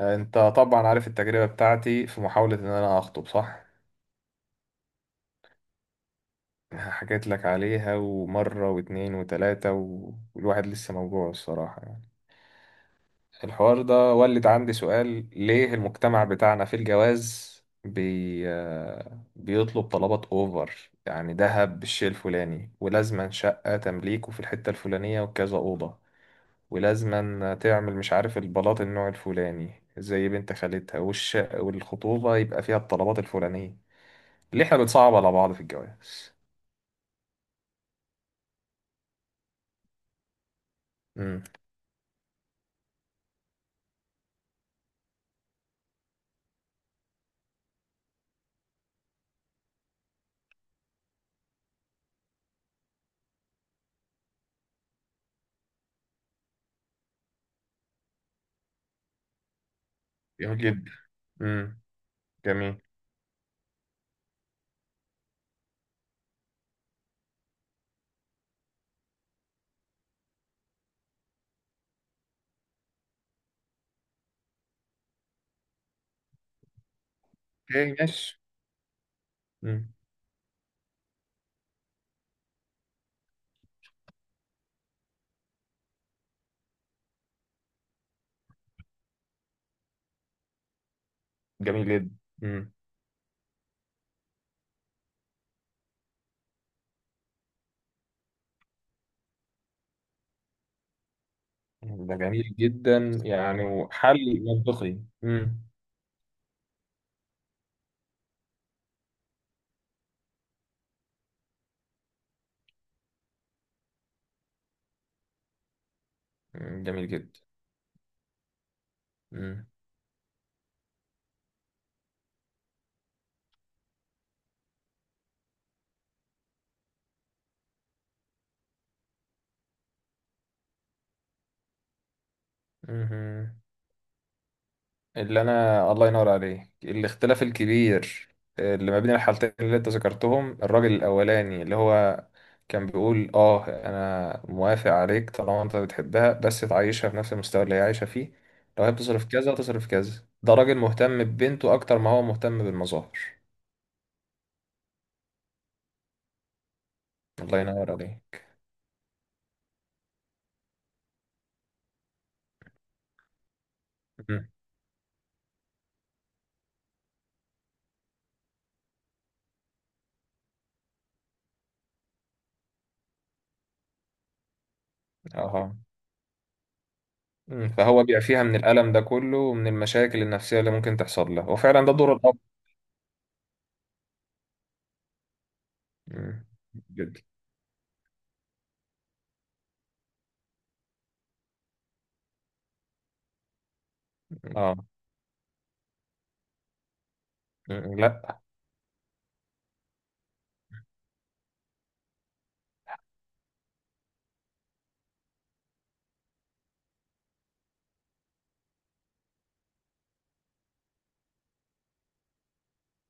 انت طبعا عارف التجربة بتاعتي في محاولة ان انا اخطب، صح؟ حكيت لك عليها ومرة واتنين وتلاتة والواحد لسه موجوع الصراحة، يعني الحوار ده ولد عندي سؤال: ليه المجتمع بتاعنا في الجواز بي... آه، بيطلب طلبات اوفر، يعني دهب بالشيء الفلاني، ولازما شقة تمليكه في الحتة الفلانية وكذا أوضة، ولازما تعمل مش عارف البلاط النوع الفلاني زي بنت خالتها، والخطوبة يبقى فيها الطلبات الفلانية. ليه احنا بنصعب على بعض في الجواز؟ امم. جميل جدا. امم. جميل. اوكي، ماشي. امم. جميل جدا. امم. ده جميل جدا، يعني وحل منطقي. امم. أمم، جميل جدا. امم. أمم. اللي انا الله ينور عليك الاختلاف الكبير اللي ما بين الحالتين اللي انت ذكرتهم، الراجل الاولاني اللي هو كان بيقول انا موافق عليك طالما انت بتحبها، بس تعيشها في نفس المستوى اللي هي عايشه فيه. لو هي بتصرف كذا تصرف كذا، ده راجل مهتم ببنته اكتر ما هو مهتم بالمظاهر. الله ينور عليك. مم. اها. مم. فهو بيع فيها من الالم ده كله ومن المشاكل النفسيه اللي ممكن تحصل له، وفعلا ده دور الاب. مم. جدا. اه. مم. لا.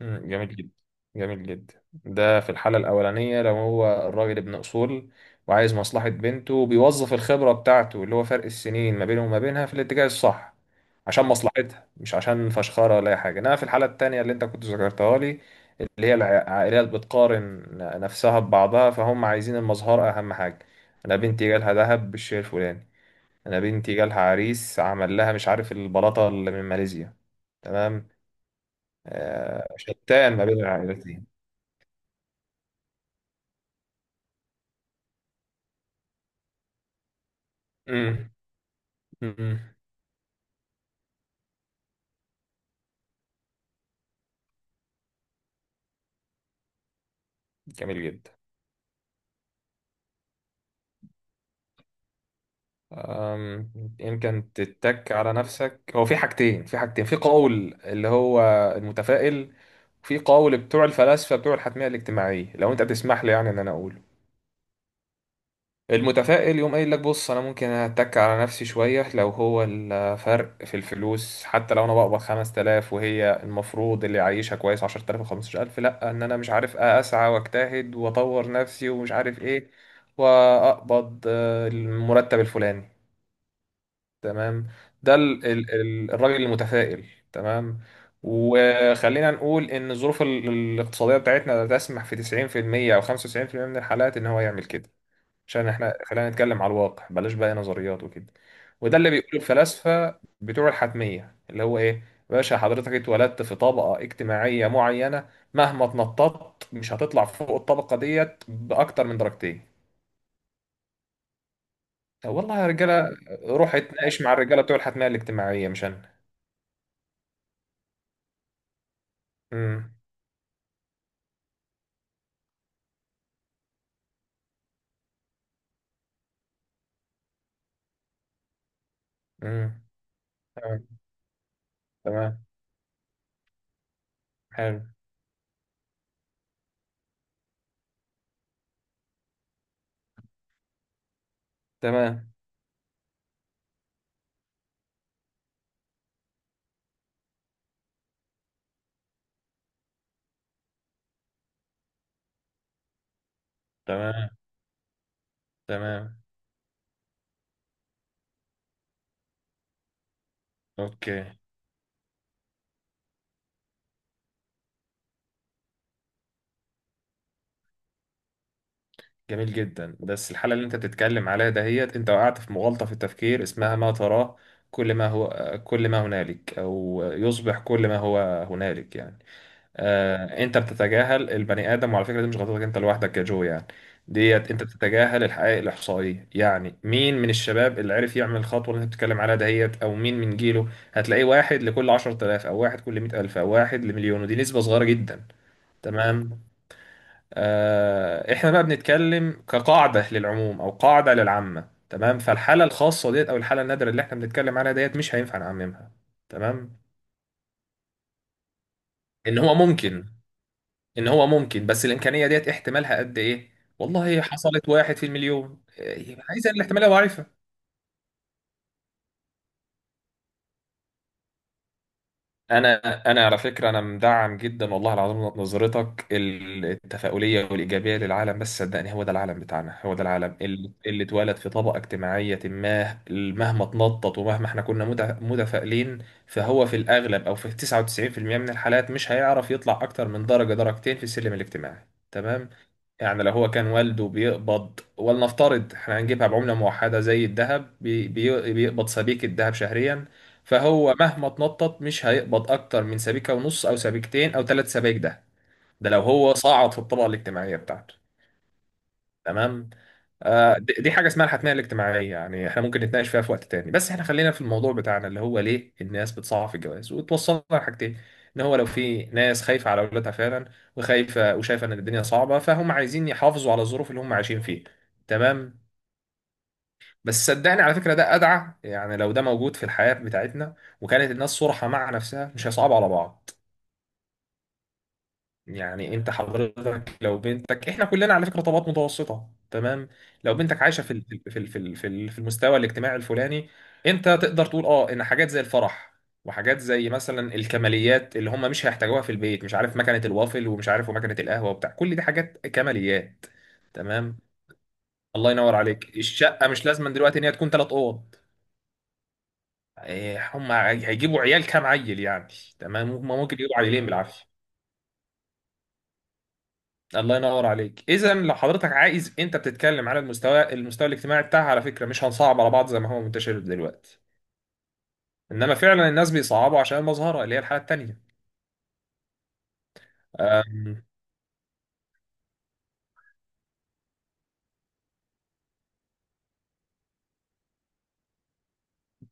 مم، جميل جدا. جميل جدا ده في الحالة الأولانية، لو هو الراجل ابن أصول وعايز مصلحة بنته وبيوظف الخبرة بتاعته اللي هو فرق السنين ما بينه وما بينها في الاتجاه الصح، عشان مصلحتها، مش عشان فشخرة ولا أي حاجة. إنما في الحالة التانية اللي أنت كنت ذكرتها لي، اللي هي العائلات بتقارن نفسها ببعضها، فهم عايزين المظهر أهم حاجة. أنا بنتي جالها دهب بالشيء الفلاني، أنا بنتي جالها عريس عمل لها مش عارف البلاطة اللي من ماليزيا. تمام. شتان ما بين العائلتين. امم. امم. جميل جدا. أم، يمكن تتك على نفسك، هو في حاجتين، في قول اللي هو المتفائل، وفي قول بتوع الفلاسفة بتوع الحتمية الاجتماعية. لو انت تسمح لي، يعني ان انا اقول المتفائل يقوم قايل لك بص انا ممكن اتك على نفسي شويه لو هو الفرق في الفلوس حتى، لو انا بقبض 5000 وهي المفروض اللي عايشها كويس 10000 و15000، لا ان انا مش عارف اسعى واجتهد واطور نفسي ومش عارف ايه واقبض المرتب الفلاني. تمام. ده الراجل المتفائل. تمام. وخلينا نقول ان الظروف الاقتصاديه بتاعتنا لا تسمح في 90% او 95% من الحالات ان هو يعمل كده، عشان احنا خلينا نتكلم على الواقع، بلاش بقى نظريات وكده. وده اللي بيقوله الفلاسفة بتوع الحتمية اللي هو ايه، باشا حضرتك اتولدت في طبقة اجتماعية معينة، مهما اتنططت مش هتطلع فوق الطبقة ديت بأكتر من درجتين. طب والله يا رجالة روح اتناقش مع الرجالة بتوع الحتمية الاجتماعية، مش انا. امم. امم. تمام. تمام. حلو. تمام. تمام. تمام. اوكي. جميل جدا، بس الحالة اللي انت بتتكلم عليها دهيت انت وقعت في مغالطة في التفكير اسمها ما تراه كل ما هو، كل ما هنالك، او يصبح كل ما هو هنالك، يعني انت بتتجاهل البني ادم. وعلى فكرة دي مش غلطتك انت لوحدك يا جو، يعني ديت انت بتتجاهل الحقائق الاحصائية. يعني مين من الشباب اللي عرف يعمل الخطوة اللي انت بتتكلم عليها دهيت؟ او مين من جيله؟ هتلاقيه واحد لكل 10000 او واحد كل 100000 او واحد لمليون، ودي نسبة صغيرة جدا. تمام. احنا بقى بنتكلم كقاعدة للعموم او قاعدة للعامة، تمام. فالحالة الخاصة ديت او الحالة النادرة اللي احنا بنتكلم عليها ديت مش هينفع نعممها. تمام. ان هو ممكن. ان هو ممكن، بس الامكانية ديت احتمالها قد ايه؟ والله حصلت واحد في المليون، عايزة الاحتمالية ضعيفة. انا انا على فكره انا مدعم جدا والله العظيم نظرتك التفاؤليه والايجابيه للعالم، بس صدقني هو ده العالم بتاعنا، هو ده العالم اللي اتولد في طبقه اجتماعيه ما، مهما اتنطط ومهما احنا كنا متفائلين، فهو في الاغلب او في 99% من الحالات مش هيعرف يطلع اكتر من درجه درجتين في السلم الاجتماعي. تمام. يعني لو هو كان والده بيقبض، ولنفترض احنا هنجيبها بعملة موحدة زي الذهب، بيقبض سبيكة ذهب شهريا، فهو مهما اتنطط مش هيقبض أكتر من سبيكة ونص أو سبيكتين أو ثلاث سبايك. ده ده لو هو صعد في الطبقة الاجتماعية بتاعته. تمام. دي حاجه اسمها الحتميه الاجتماعيه، يعني احنا ممكن نتناقش فيها في وقت تاني، بس احنا خلينا في الموضوع بتاعنا اللي هو ليه الناس بتصعب في الجواز، وتوصلنا لحاجتين. ان هو لو في ناس خايفه على اولادها فعلا وخايفه وشايفه ان الدنيا صعبه، فهم عايزين يحافظوا على الظروف اللي هم عايشين فيها. تمام. بس صدقني على فكره ده ادعى، يعني لو ده موجود في الحياه بتاعتنا وكانت الناس صرحه مع نفسها مش هيصعبوا على بعض. يعني انت حضرتك لو بنتك، احنا كلنا على فكره طبقات متوسطه، تمام؟ لو بنتك عايشه في المستوى الاجتماعي الفلاني، انت تقدر تقول اه ان حاجات زي الفرح وحاجات زي مثلا الكماليات اللي هم مش هيحتاجوها في البيت، مش عارف مكنه الوافل ومش عارف ومكنه القهوه وبتاع، كل دي حاجات كماليات. تمام. الله ينور عليك. الشقه مش لازم دلوقتي ان هي تكون ثلاث اوض. إيه، هم هيجيبوا عيال كام عيل يعني؟ تمام، هم ممكن يجيبوا عيلين بالعافيه. الله ينور عليك. اذا لو حضرتك عايز، انت بتتكلم على المستوى الاجتماعي بتاعها على فكره، مش هنصعب على بعض زي ما هو منتشر دلوقتي. انما فعلا الناس بيصعبوا عشان المظهره اللي هي الحاله التانيه. أم،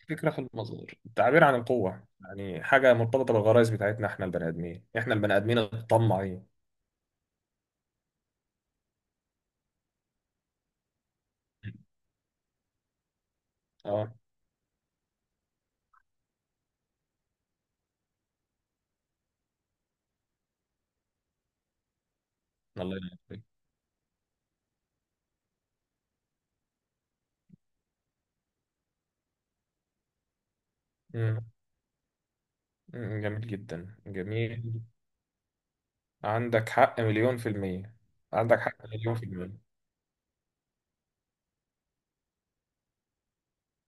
فكره في المظهر التعبير عن القوه، يعني حاجه مرتبطه بالغرائز بتاعتنا احنا البني ادمين الطماعين. اه. الله ينور عليك. مم. مم. جميل جدا، جميل. عندك حق مليون في المية. عندك حق مليون في المية.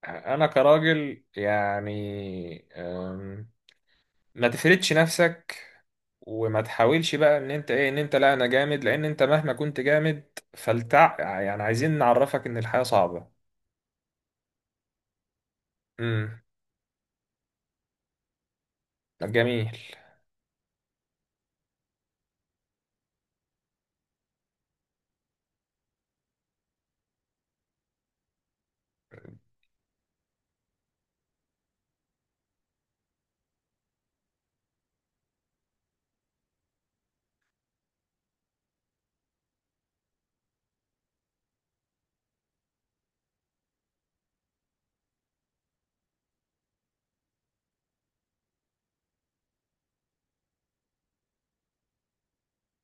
أنا كراجل، يعني ما تفردش نفسك وما تحاولش بقى ان انت ايه، ان انت لا انا جامد، لان انت مهما كنت جامد فلتع، يعني عايزين نعرفك ان الحياة صعبة. امم. جميل.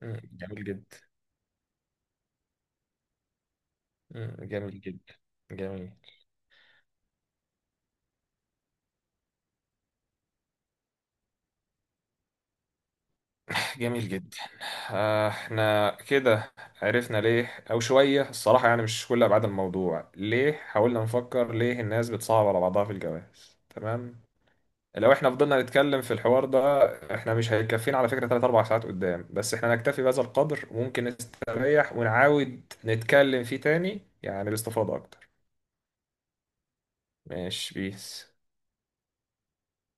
مم. جميل جدا. مم. جميل جدا. جميل. جميل جدا. احنا كده عرفنا ليه او شوية الصراحة، يعني مش كل ابعاد الموضوع، ليه حاولنا نفكر ليه الناس بتصعب على بعضها في الجواز. تمام. لو احنا فضلنا نتكلم في الحوار ده، احنا مش هيكفينا على فكرة 3 4 ساعات قدام. بس احنا نكتفي بهذا القدر، وممكن نستريح ونعاود نتكلم فيه تاني، يعني باستفاضة اكتر. ماشي، بيس.